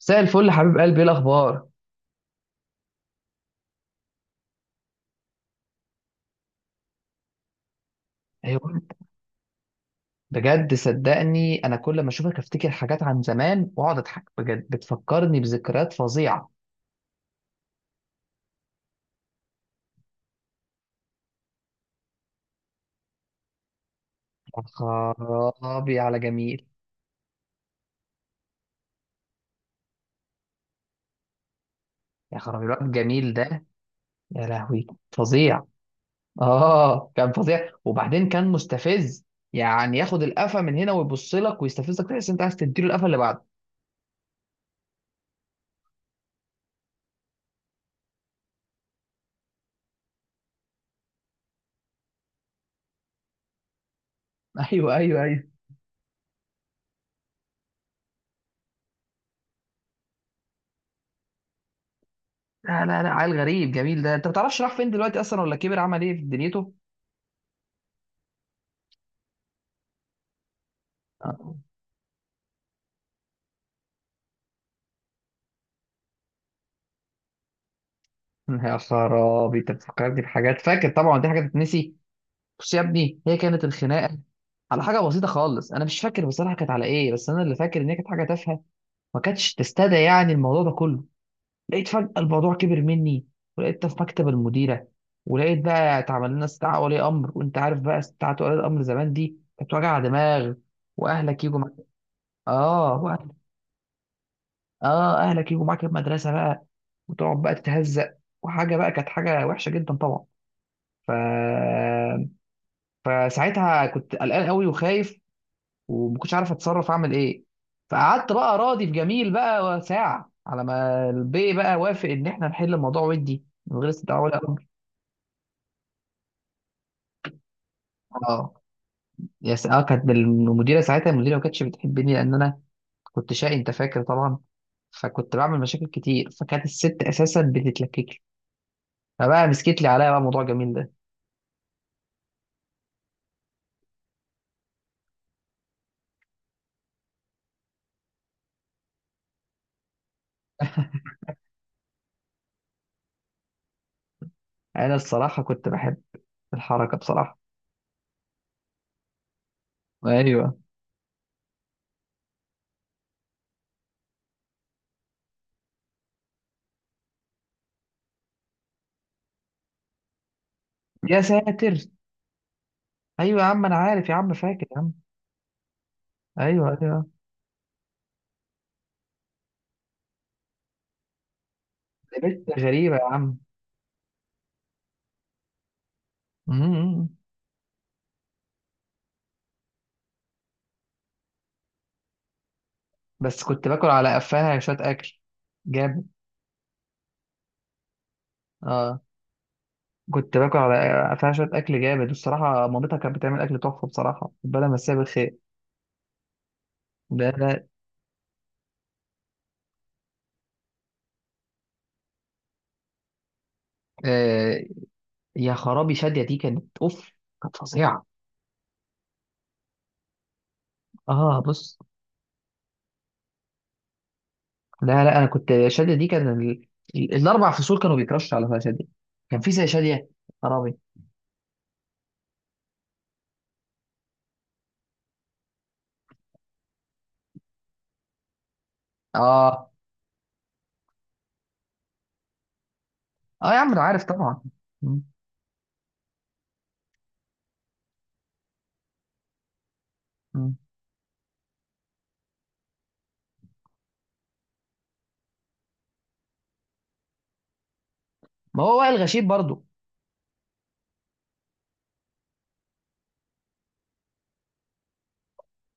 مساء الفل حبيب قلبي، ايه الاخبار؟ ايوه. بجد صدقني، انا كل ما اشوفك افتكر حاجات عن زمان واقعد اضحك. بجد بتفكرني بذكريات فظيعه. يا خرابي على جميل. يا خرابي الواد جميل ده. يا لهوي فظيع. اه، كان فظيع وبعدين كان مستفز. يعني ياخد القفا من هنا ويبص لك ويستفزك، تحس انت عايز تديله القفا اللي بعده. ايوه، ايوه، ايوه. لا، لا، لا، عيل غريب جميل ده. انت ما تعرفش راح فين دلوقتي اصلا، ولا كبر عمل ايه في دنيته؟ آه. يا خرابي، انت بتفكرني بحاجات. فاكر طبعا، دي حاجه تتنسي. بص يا ابني، هي كانت الخناقه على حاجه بسيطه خالص. انا مش فاكر بصراحه كانت على ايه، بس انا اللي فاكر ان هي كانت حاجه تافهه. ما كانتش تستدعي يعني الموضوع ده كله. لقيت فجاه الموضوع كبر مني، ولقيت ده في مكتب المديره. ولقيت بقى اتعمل لنا استدعاء ولي امر، وانت عارف بقى استدعاء ولي الامر زمان دي كانت وجع دماغ. واهلك يجوا معاك. اه، اه، اهلك يجوا معاك المدرسه بقى. وتقعد بقى تتهزق. وحاجه بقى كانت حاجه وحشه جدا طبعا. ف... فساعتها كنت قلقان قوي وخايف. وما كنتش عارف اتصرف اعمل ايه. فقعدت بقى راضي في جميل بقى ساعه، على ما البي بقى وافق ان احنا نحل الموضوع ودي من غير استدعاء ولا امر. اه، اه، كانت المديره ساعتها، المديره ما كانتش بتحبني لان انا كنت شقي. انت فاكر طبعا. فكنت بعمل مشاكل كتير، فكانت الست اساسا بتتلكك لي. فبقى مسكت لي عليا بقى موضوع جميل ده. انا الصراحه كنت بحب الحركه بصراحه. ايوه يا ساتر. ايوه يا عم، انا عارف يا عم، فاكر يا عم. ايوه، ايوه، لبست غريبه يا عم. مم. بس كنت باكل على قفاها شويه اكل جامد. اه، كنت باكل على قفاها شويه اكل جامد الصراحه. مامتها كانت بتعمل اكل تحفه بصراحه، ربنا مساها بالخير. ده. آه، يا خرابي شاديه دي كانت اوف. كانت فظيعه. اه، بص. لا، لا، انا كنت، شاديه دي كان الاربع فصول كانوا بيكرشوا على شاديه. كان في زي شاديه؟ خرابي. اه، اه، يا عم انا عارف طبعا. مم. مم. ما هو وائل غشيب برضو.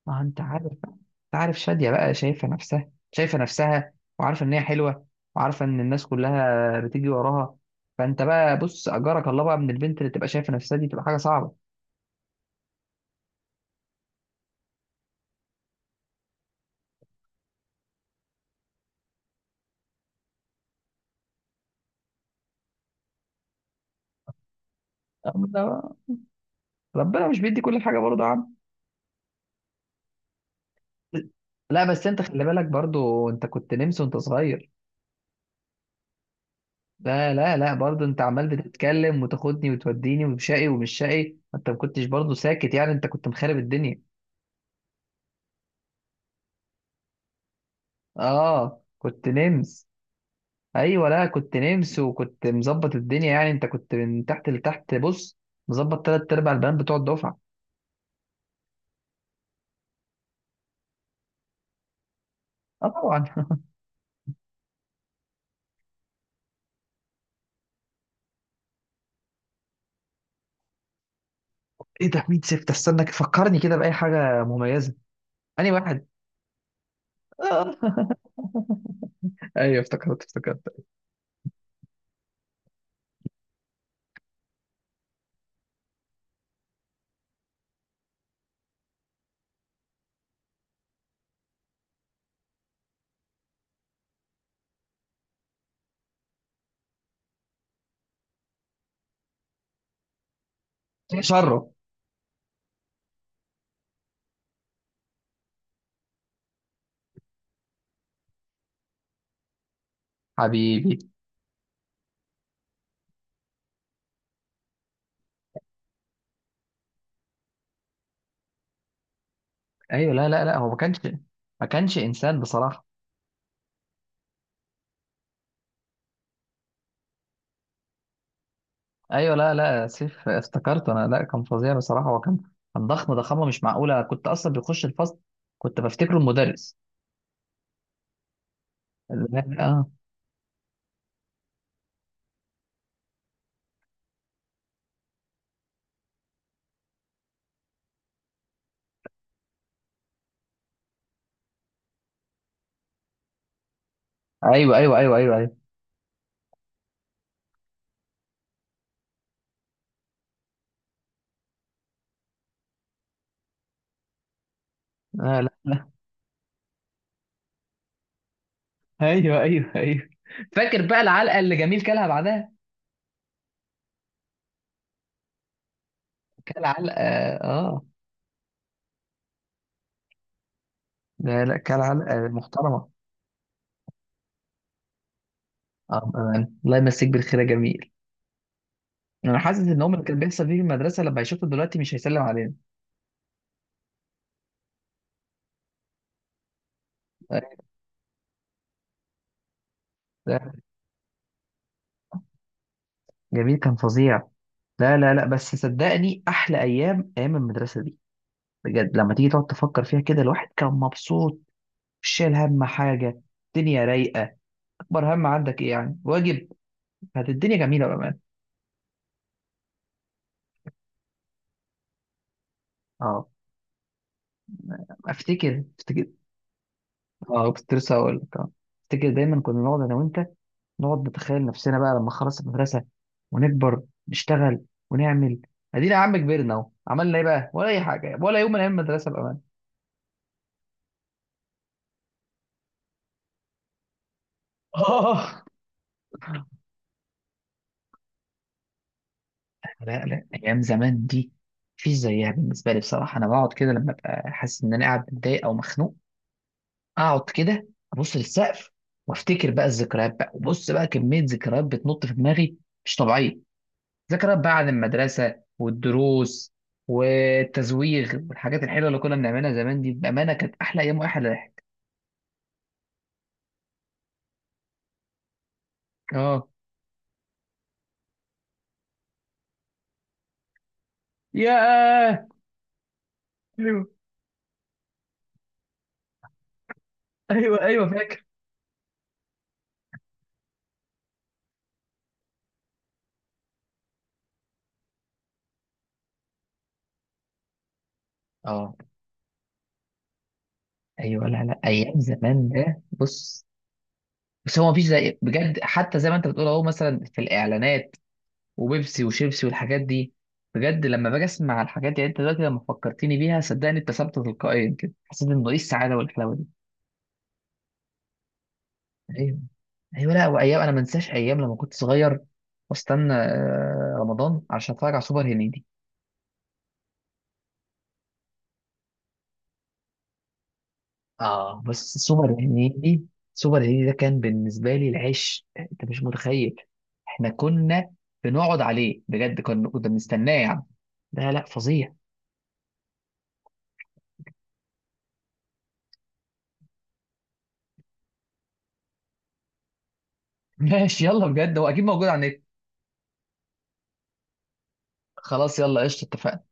ما انت عارف بقى، انت عارف شادية بقى شايفة نفسها، شايفة نفسها. وعارفة ان هي حلوة، وعارفة ان الناس كلها بتيجي وراها. فانت بقى بص، اجرك الله بقى، من البنت اللي تبقى شايفة نفسها دي تبقى حاجة صعبة. أما ده بقى، ربنا مش بيدي كل حاجة برضه يا عم. لا بس، انت خلي بالك برضه، انت كنت نمس وانت صغير. لا، لا، لا، برضه انت عمال بتتكلم وتاخدني وتوديني وشقي ومش شقي، انت ما كنتش برضه ساكت يعني، انت كنت مخرب الدنيا. اه، كنت نمس. ايوه، لا، كنت نمس وكنت مظبط الدنيا يعني، انت كنت من تحت لتحت، بص، مظبط تلات ارباع البنات بتوع الدفعه. اه، طبعا. ايه ده، مين سيف ده؟ استنى فكرني كده باي حاجه مميزه. انهي واحد؟ آه. ايوه، افتكرت افتكرت. شره. حبيبي. ايوه، لا، لا، لا، هو ما كانش، ما كانش انسان بصراحه. ايوه، لا، لا، سيف، افتكرت انا. لا كان فظيع بصراحه. هو كان، كان ضخم ضخامه مش معقوله، كنت اصلا بيخش الفصل كنت بفتكره المدرس. لا، لا، اه. ايوه، ايوه، ايوه، ايوه، ايوه. لا، لا، ايوه، ايوه، ايوه، فاكر بقى العلقه اللي جميل كلها بعدها. كل علقه. اه. لا، لا، كل علقه محترمه. اه، بأمان. الله يمسيك بالخير يا جميل. انا حاسس ان هم اللي كان بيحصل فيه في المدرسه لما يشوفوا دلوقتي مش هيسلم علينا. لا، جميل كان فظيع. لا، لا، لا، بس صدقني احلى ايام ايام المدرسه دي. بجد لما تيجي تقعد تفكر فيها كده، الواحد كان مبسوط، مش شايل هم حاجه، الدنيا رايقه. اكبر هم عندك ايه يعني؟ واجب. كانت الدنيا جميله، بأمان. اه، افتكر افتكر. اه، كنت لسه هقول لك، اه. افتكر دايما كنا نقعد انا وانت، نقعد نتخيل نفسنا بقى لما خلص المدرسه، ونكبر، نشتغل، ونعمل. ادينا يا عم كبرنا اهو، عملنا ايه بقى؟ ولا اي حاجه، ولا يوم من ايام المدرسه، بامان. اه. لا، لا، ايام زمان دي مفيش زيها بالنسبه لي بصراحه. انا بقعد كده لما ابقى حاسس ان انا قاعد متضايق او مخنوق، اقعد كده ابص للسقف، وافتكر بقى الذكريات بقى، وبص بقى كميه ذكريات بتنط في دماغي مش طبيعيه. ذكريات بقى عن المدرسة والدروس والتزويغ والحاجات الحلوة اللي كنا بنعملها زمان دي، بأمانة كانت أحلى أيام وأحلى ضحك. اه. ياه. ايوه، ايوه، ايوه، فاكر. اه، ايوه، لا، لا، ايام زمان ده، بص. بس هو مفيش زي، بجد حتى زي ما انت بتقول اهو، مثلا في الاعلانات وبيبسي وشيبسي والحاجات دي، بجد لما باجي اسمع الحاجات دي يعني، انت دلوقتي لما فكرتني بيها صدقني ابتسمت تلقائيا كده، حسيت انه ايه السعاده والحلاوه دي. ايوه. ايوه، لا، وايام انا ما انساش ايام لما كنت صغير واستنى رمضان عشان اتفرج على سوبر هنيدي. اه، بس سوبر هنيدي، سوبر هنيدي ده كان بالنسبه لي العيش، انت مش متخيل. احنا كنا بنقعد عليه بجد. كنا بنستناه يعني. لا، لا، فظيع. ماشي، يلا بجد هو اكيد موجود على النت. خلاص، يلا، قشطه، اتفقنا.